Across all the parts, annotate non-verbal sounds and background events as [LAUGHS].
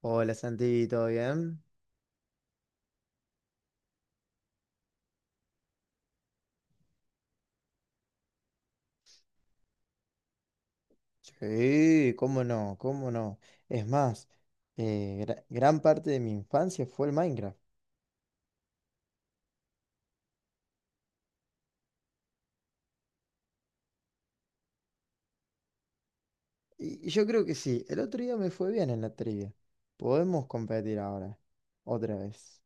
Hola Santi, ¿todo bien? Sí, cómo no, cómo no. Es más, gran parte de mi infancia fue el Minecraft. Y yo creo que sí, el otro día me fue bien en la trivia. Podemos competir ahora, otra vez.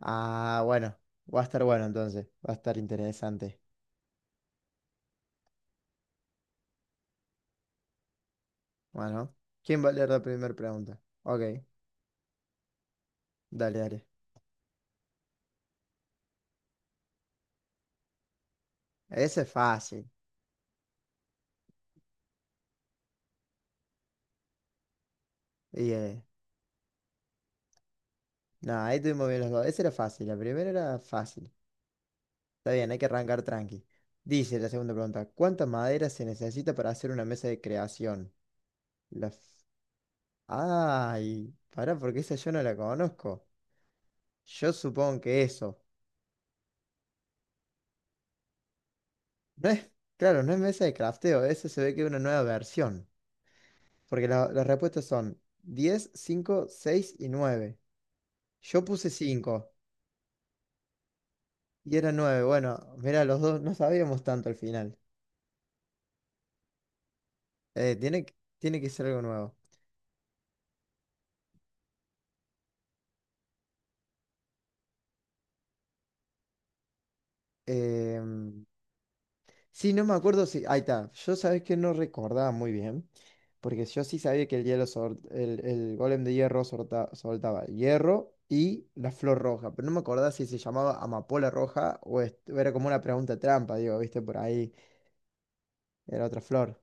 Ah, bueno, va a estar bueno entonces, va a estar interesante. Bueno, ¿quién va a leer la primera pregunta? Ok, dale, dale. Ese es fácil. Y, eh, no, ahí tuvimos bien los dos. Ese era fácil, la primera era fácil. Está bien, hay que arrancar tranqui. Dice la segunda pregunta, ¿cuánta madera se necesita para hacer una mesa de creación? La... f- Ay, pará, porque esa yo no la conozco. Yo supongo que eso. No es, claro, no es mesa de crafteo, eso se ve que es una nueva versión. Porque las respuestas son 10, 5, 6 y 9. Yo puse 5 y era 9. Bueno, mira, los dos no sabíamos tanto al final. Tiene que ser algo nuevo. Em, Sí, no me acuerdo si. Ahí está. Yo sabes que no recordaba muy bien. Porque yo sí sabía que el golem de hierro soltaba hierro y la flor roja. Pero no me acordaba si se llamaba amapola roja o era como una pregunta trampa, digo, viste, por ahí era otra flor.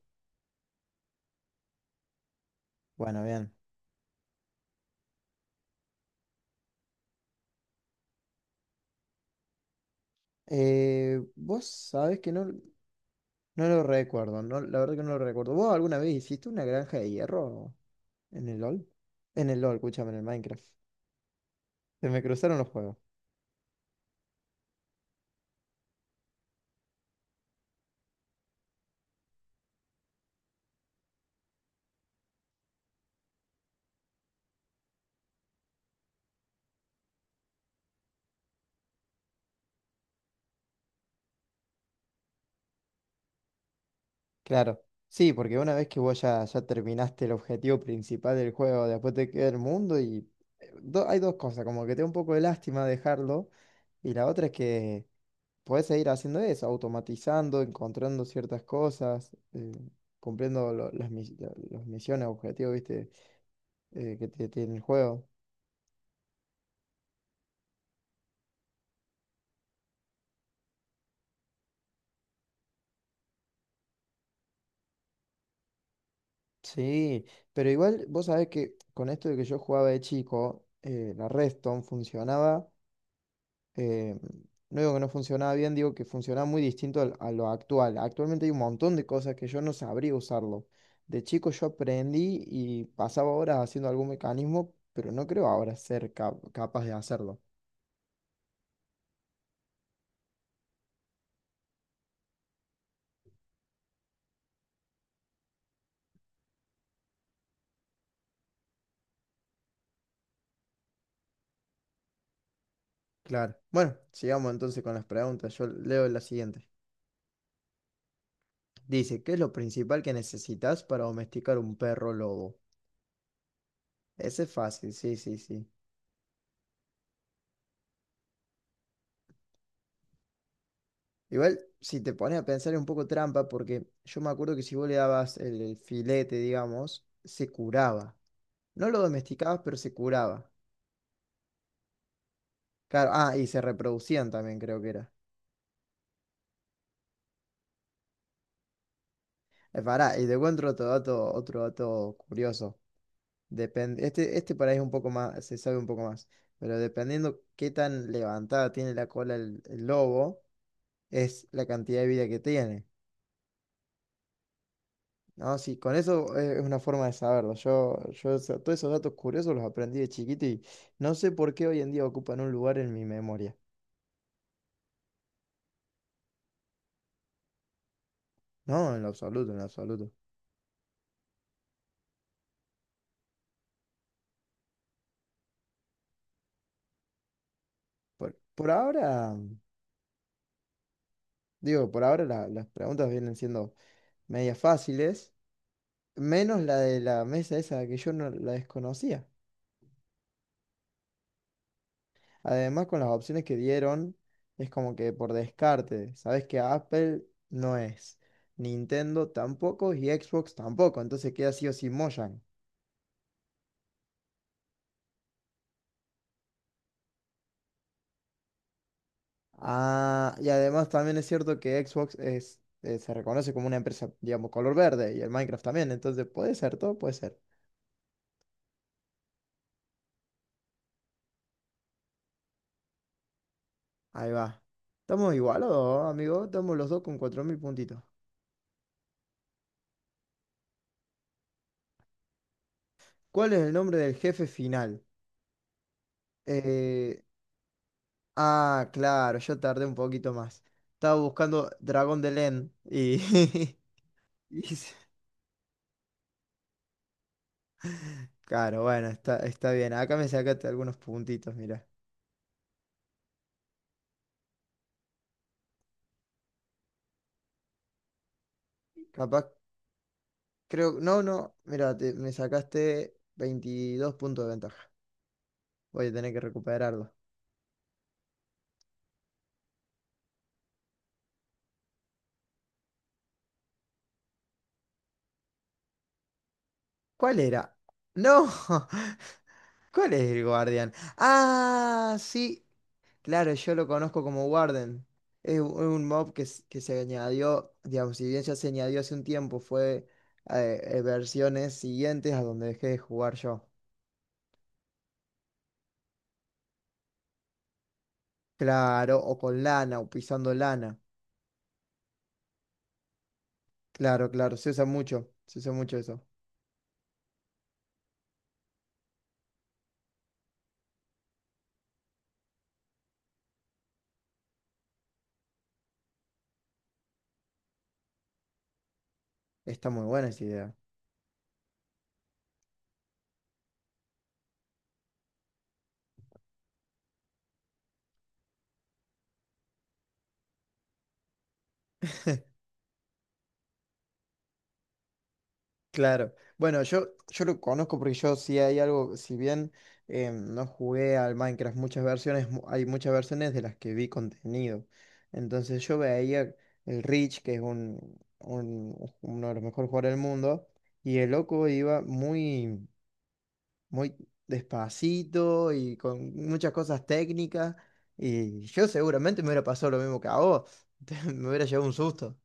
Bueno, bien. Vos sabés que no, no lo recuerdo. No, la verdad que no lo recuerdo. ¿Vos alguna vez hiciste una granja de hierro en el LOL? En el LOL, escúchame, en el Minecraft. Se me cruzaron los juegos. Claro, sí, porque una vez que vos ya terminaste el objetivo principal del juego, después te queda el mundo y hay dos cosas, como que te da un poco de lástima dejarlo y la otra es que podés seguir haciendo eso, automatizando, encontrando ciertas cosas, cumpliendo las misiones, objetivos, viste, que te tiene el juego. Sí, pero igual vos sabés que con esto de que yo jugaba de chico, la Redstone funcionaba. eh, no digo que no funcionaba bien, digo que funcionaba muy distinto a lo actual. Actualmente hay un montón de cosas que yo no sabría usarlo. De chico yo aprendí y pasaba horas haciendo algún mecanismo, pero no creo ahora ser capaz de hacerlo. Claro. Bueno, sigamos entonces con las preguntas. Yo leo la siguiente. Dice, ¿qué es lo principal que necesitas para domesticar un perro lobo? Ese es fácil, sí, sí, sí. Igual, si te pones a pensar es un poco trampa, porque yo me acuerdo que si vos le dabas el filete, digamos, se curaba. No lo domesticabas, pero se curaba. Claro, ah, y se reproducían también, creo que era. Pará, y te encuentro otro dato curioso. Depende, este por ahí es un poco más, se sabe un poco más. Pero dependiendo qué tan levantada tiene la cola el lobo, es la cantidad de vida que tiene. No, sí, con eso es una forma de saberlo. Yo todos esos datos curiosos los aprendí de chiquito y no sé por qué hoy en día ocupan un lugar en mi memoria. No, en lo absoluto, en lo absoluto. Por ahora, digo, por ahora las preguntas vienen siendo medias fáciles, menos la de la mesa esa que yo no la desconocía. Además, con las opciones que dieron, es como que por descarte, sabes que Apple no es, Nintendo tampoco y Xbox tampoco, entonces queda sí o sí Mojang. Ah, y además también es cierto que Xbox es, se reconoce como una empresa, digamos, color verde y el Minecraft también, entonces puede ser, todo puede ser. Ahí va. Estamos igualados, amigo, estamos los dos con 4.000 puntitos. ¿Cuál es el nombre del jefe final? Eh, ah, claro, yo tardé un poquito más. Estaba buscando Dragón de Len y... [LAUGHS] y se- Claro, bueno, está bien. Acá me sacaste algunos puntitos, mira. Capaz, creo, no, no, mira, me sacaste 22 puntos de ventaja. Voy a tener que recuperarlo. ¿Cuál era? No, [LAUGHS] ¿cuál es el guardián? Ah, sí, claro, yo lo conozco como Warden. Es un mob que se añadió, digamos, si bien ya se añadió hace un tiempo, fue versiones siguientes a donde dejé de jugar yo. Claro, o con lana, o pisando lana. Claro, claro, se usa mucho eso. Está muy buena esa idea. Claro. Bueno, yo lo conozco porque yo sí hay algo, si bien no jugué al Minecraft muchas versiones, hay muchas versiones de las que vi contenido. Entonces yo veía el Rich, que es uno de los mejores jugadores del mundo, y el loco iba muy, muy despacito y con muchas cosas técnicas, y yo seguramente me hubiera pasado lo mismo que a vos, [LAUGHS] me hubiera llevado un susto.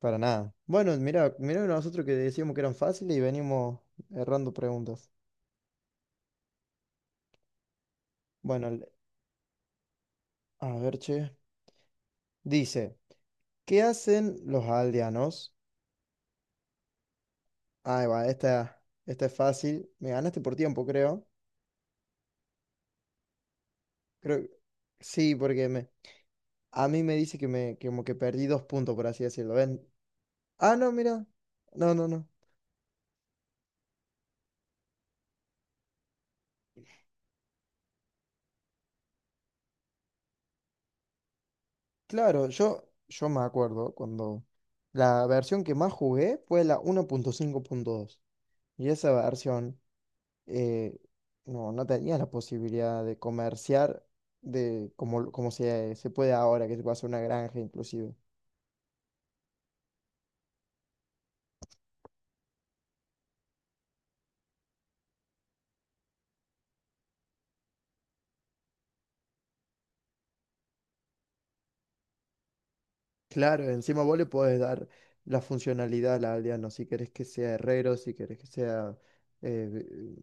Para nada. Bueno, mira, mira nosotros que decíamos que eran fáciles y venimos errando preguntas. Bueno, a ver, che. Dice, ¿qué hacen los aldeanos? Ah, va, esta es fácil. Me ganaste por tiempo, creo. Creo, sí, porque a mí me dice que que como que perdí dos puntos, por así decirlo. ¿Ven? Ah, no, mira. No, no, no. Claro, yo me acuerdo cuando la versión que más jugué fue la 1.5.2. Y esa versión, eh, no, no tenías la posibilidad de comerciar como se puede ahora, que se puede hacer una granja inclusive. Claro, encima vos le podés dar la funcionalidad al aldeano, si querés que sea herrero, si querés que sea, eh,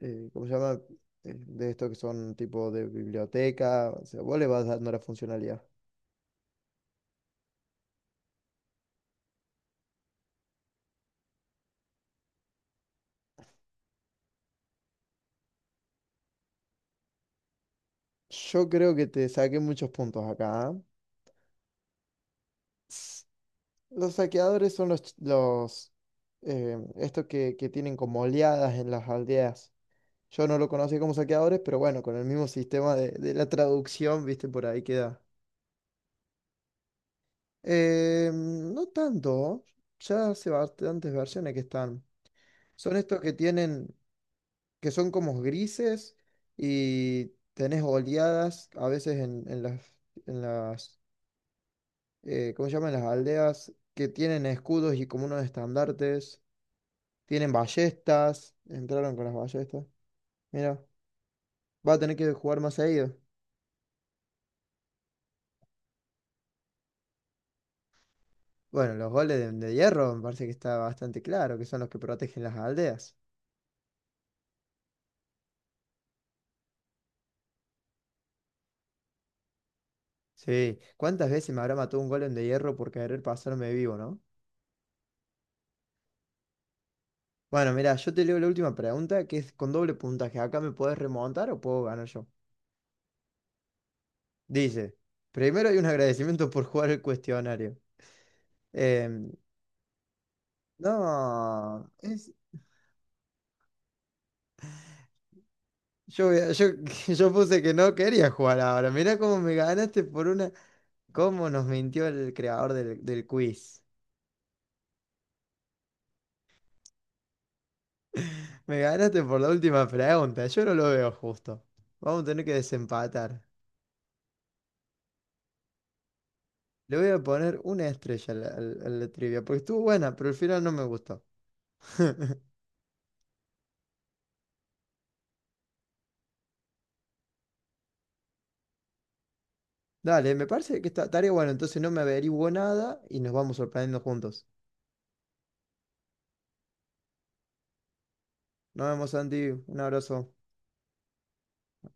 ¿cómo se llama? De estos que son tipo de biblioteca, o sea, vos le vas dando la funcionalidad. Yo creo que te saqué muchos puntos acá. ¿Ah? Los saqueadores son los estos que tienen como oleadas en las aldeas. Yo no lo conocí como saqueadores, pero bueno, con el mismo sistema de la traducción, viste, por ahí queda. No tanto, ya hace bastantes versiones que están. Son estos que tienen, que son como grises y tenés oleadas a veces en las, ¿cómo se llaman? Las aldeas que tienen escudos y como unos estandartes. Tienen ballestas. Entraron con las ballestas. Mira, va a tener que jugar más seguido. Bueno, los goles de hierro me parece que está bastante claro, que son los que protegen las aldeas. Sí, ¿cuántas veces me habrá matado un golem de hierro por querer pasarme vivo, no? Bueno, mira, yo te leo la última pregunta, que es con doble puntaje. ¿Acá me podés remontar o puedo ganar yo? Dice, primero hay un agradecimiento por jugar el cuestionario. Em, no, es, yo, voy a- yo, [LAUGHS] yo puse que no quería jugar ahora. Mira cómo me ganaste por una... ¿Cómo nos mintió el creador del quiz? Me ganaste por la última pregunta, yo no lo veo justo. Vamos a tener que desempatar. Le voy a poner una estrella a la trivia, porque estuvo buena, pero al final no me gustó. [LAUGHS] Dale, me parece que esta tarea bueno, entonces no me averiguo nada y nos vamos sorprendiendo juntos. Nos vemos, Santi, un abrazo.